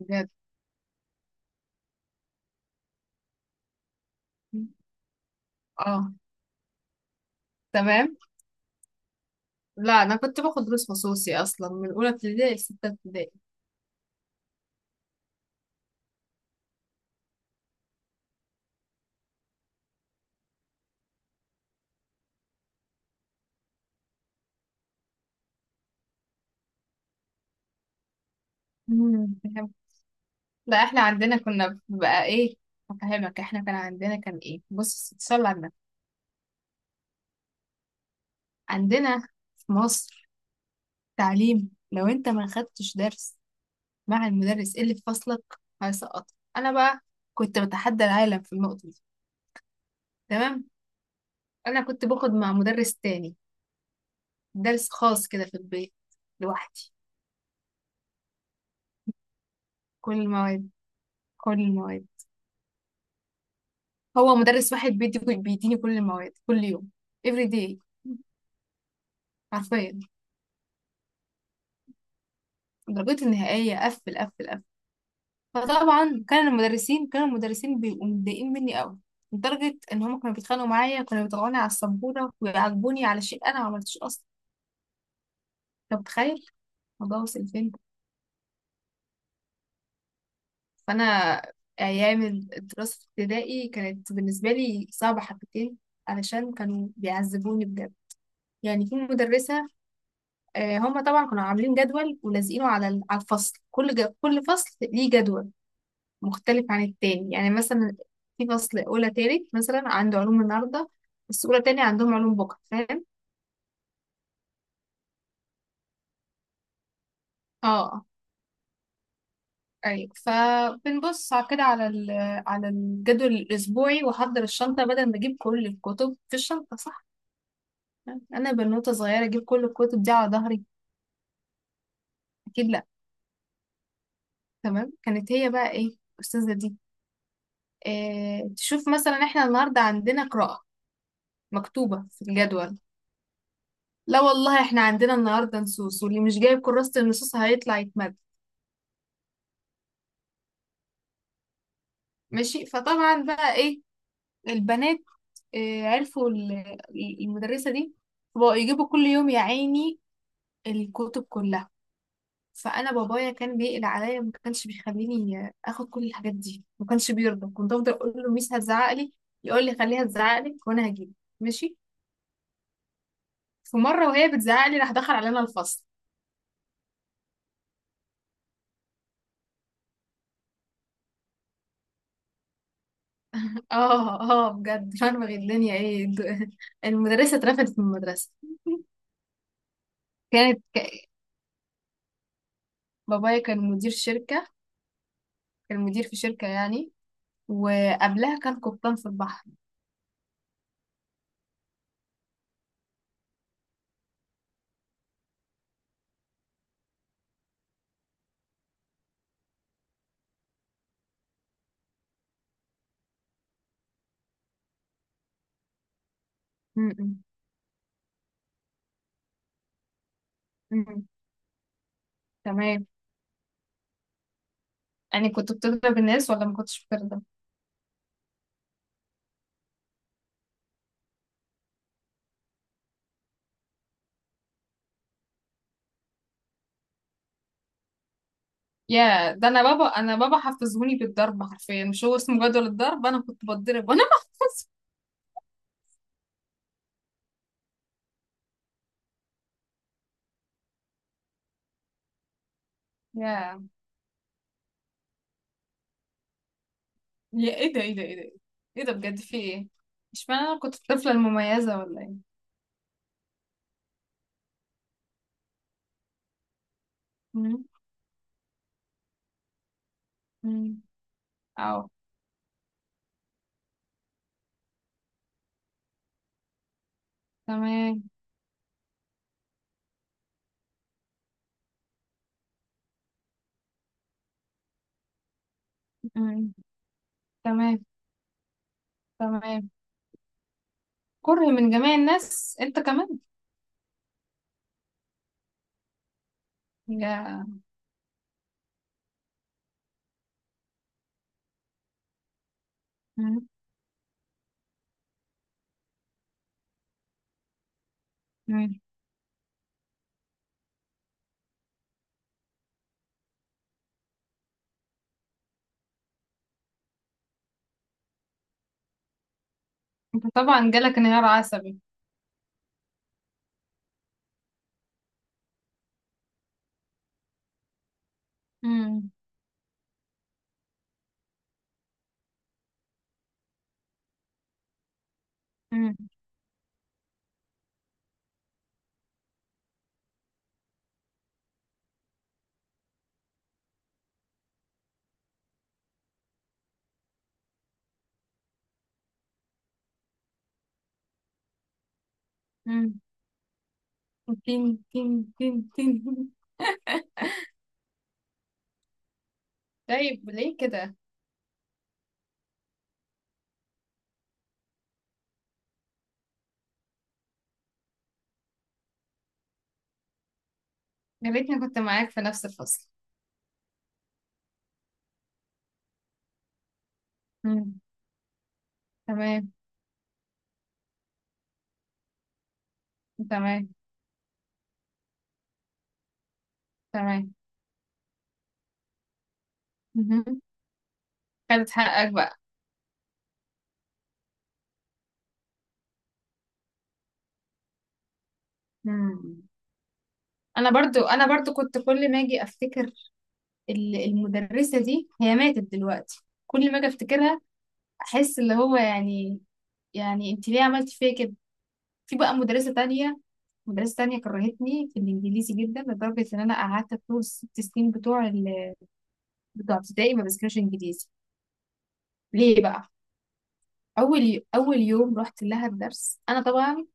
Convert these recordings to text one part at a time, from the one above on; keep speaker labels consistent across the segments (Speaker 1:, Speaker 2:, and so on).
Speaker 1: بجد. اه. تمام. لا انا كنت باخد دروس خصوصي اصلا من اولى ابتدائي لسته ابتدائي. مم، فهمت. لا احنا عندنا كنا بقى ايه. هفهمك، احنا كان عندنا كان ايه، بص صلي على النبي. عندنا في مصر تعليم لو انت ما خدتش درس مع المدرس اللي في فصلك هيسقطك. انا بقى كنت بتحدى العالم في النقطه دي. تمام. انا كنت باخد مع مدرس تاني درس خاص كده في البيت لوحدي. كل المواد، كل المواد. هو مدرس واحد بيديني كل المواد كل يوم. every day حرفيا. درجتي النهائية قفل قفل قفل. فطبعا كانوا المدرسين بيبقوا متضايقين مني قوي. لدرجة إن هما كانوا بيتخانقوا معايا، كانوا بيطلعوني على السبورة ويعاقبوني على شيء أنا ما عملتوش أصلا. أنت متخيل الموضوع وصل فين؟ فأنا أيام الدراسة في ابتدائي كانت بالنسبة لي صعبة حبتين علشان كانوا بيعذبوني بجد. يعني في مدرسة، هما طبعا كانوا عاملين جدول ولازقينه على على الفصل. كل فصل ليه جدول مختلف عن التاني. يعني مثلا في فصل أولى تالت مثلا عنده علوم النهاردة بس أولى تاني عندهم علوم بكرة، فاهم؟ اه. أيوة، فبنبص على كده، على الجدول الأسبوعي وأحضر الشنطة بدل ما أجيب كل الكتب في الشنطة، صح؟ أنا بنوتة صغيرة أجيب كل الكتب دي على ظهري. أكيد لأ. تمام. كانت هي بقى إيه الأستاذة دي؟ تشوف مثلا احنا النهارده عندنا قراءة مكتوبة في الجدول. لا والله، احنا عندنا النهاردة نصوص واللي مش جايب كراسة النصوص هيطلع يتمد. ماشي، فطبعا بقى ايه، البنات اه عرفوا المدرسة دي، فبقوا يجيبوا كل يوم يا عيني الكتب كلها. فانا بابايا كان بيقلق عليا، ما كانش بيخليني اخد كل الحاجات دي، ما كانش بيرضى. كنت افضل اقول له ميس هتزعق لي، يقول لي خليها تزعق لك وانا هجيب. ماشي. في مره وهي بتزعق لي راح دخل علينا الفصل. اه اه، بجد فاهمة الدنيا ايه، المدرسة اترفدت من المدرسة. كانت ك... بابايا كان مدير شركة، كان مدير في شركة يعني، وقبلها كان قبطان في البحر. م- م- م. تمام. يعني كنت بتضرب الناس ولا ما كنتش بتضرب؟ يا ده، انا بابا حفظهوني بالضرب حرفيا، مش هو اسمه جدول الضرب؟ انا كنت بتضرب وانا. يا يا ايه ده، ايه ده، ايه ده؟ ايه ده بجد، في ايه؟ مش معنى انا كنت الطفلة المميزة ولا ايه؟ م- م. اه. تمام. مم. تمام، تمام. كره من جميع الناس انت كمان؟ جا... مم. مم. انت طبعا جالك انهيار عصبي. مم. مم. مم. تين، تين، تين تين. طيب ليه كده؟ يا ريتني كنت معاك في نفس الفصل. مم. تمام، تمام، تمام. مهم. خدت حقك بقى؟ مم. انا برضو كنت كل ما اجي افتكر المدرسة دي، هي ماتت دلوقتي. كل ما اجي افتكرها احس اللي هو يعني انت ليه عملت فيا كده؟ في بقى مدرسة تانية، مدرسة تانية كرهتني في الإنجليزي جدا لدرجة إن أنا قعدت طول الست سنين بتوع ابتدائي ما بذاكرش إنجليزي. ليه بقى؟ أول يوم رحت لها الدرس، أنا طبعا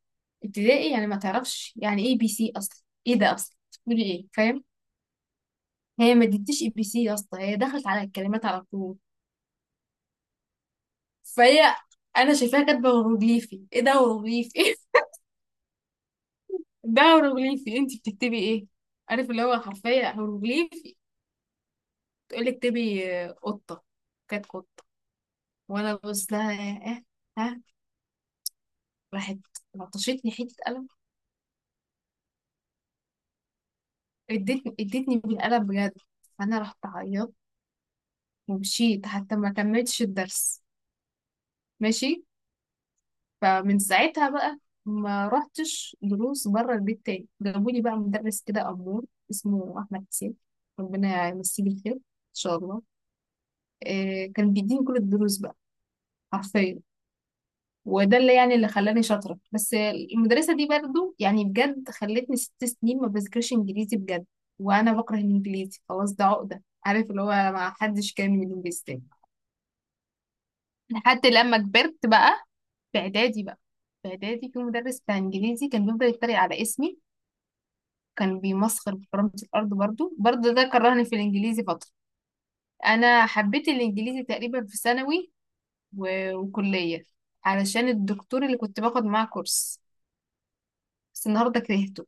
Speaker 1: ابتدائي يعني ما تعرفش يعني ABC أصلا، إيه ده أصلا بتقولي إيه، فاهم؟ هي ما ادتنيش ABC يا اسطى، هي دخلت على الكلمات على طول. فهي، أنا شايفاها كاتبة هيروغليفي، إيه ده هيروغليفي؟ ده هيروغليفي، أنت بتكتبي إيه؟ عارف اللي هو حرفيا هيروغليفي. تقول لي اكتبي قطة. كانت قطة. وانا ببص لها. اه. ها. راحت لطشتني حتة قلم. ادتني ادتني بالقلم بجد. فانا رحت عيطت ومشيت، حتى ما كملتش الدرس. ماشي. فمن ساعتها بقى ما رحتش دروس بره البيت تاني. جابولي بقى مدرس كده أمور اسمه أحمد حسين، ربنا يمسيه بالخير إن شاء الله. إيه، كان بيديني كل الدروس بقى، حرفيا. وده اللي يعني اللي خلاني شاطرة، بس المدرسة دي برضو يعني بجد خلتني 6 سنين ما بذاكرش انجليزي بجد، وانا بكره الانجليزي خلاص، ده عقدة، عارف اللي هو ما حدش كامل الانجليزي تاني. لحد لما كبرت بقى، في اعدادي بقى، في اعدادي في مدرس بتاع انجليزي كان بيفضل يتريق على اسمي، كان بيمسخر بكرامة الارض برضو برضو، ده كرهني في الانجليزي فترة. انا حبيت الانجليزي تقريبا في ثانوي و- وكلية، علشان الدكتور اللي كنت باخد معاه كورس، بس النهارده كرهته.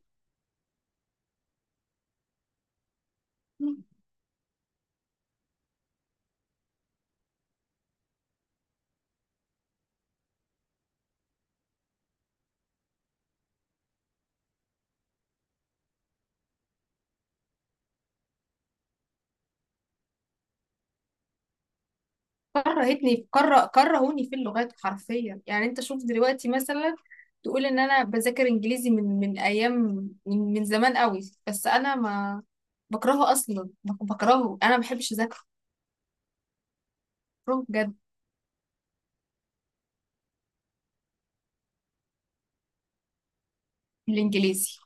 Speaker 1: كرهتني في كره كرهوني في اللغات حرفيا. يعني انت شوف دلوقتي مثلا، تقول ان انا بذاكر انجليزي من ايام، من زمان قوي، بس انا ما بكرهه اصلا، بكرهه، انا ما بحبش اذاكره. بكرهه بجد، الانجليزي.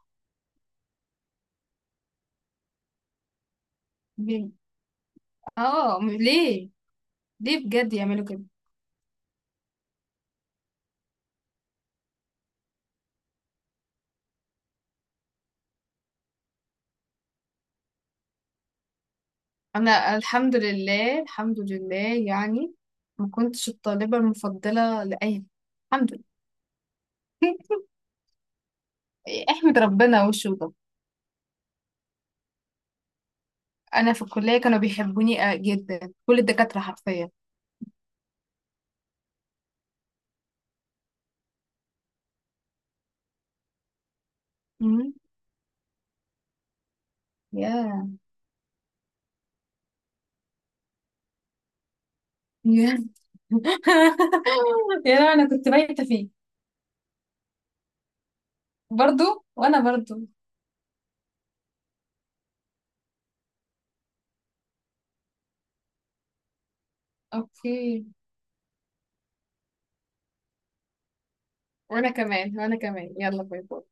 Speaker 1: م- اه. ليه، ليه بجد يعملوا كده؟ انا الحمد لله، الحمد لله يعني ما كنتش الطالبة المفضلة لأي. الحمد لله. احمد ربنا وشو ده. انا في الكليه كانوا بيحبوني جدا، كل الدكاتره حرفيا. مم. يا يا يا لهوي، انا كنت بايته فيه. برضو، وانا برضو. اوكي. وانا كمان، وانا كمان، يلا باي باي.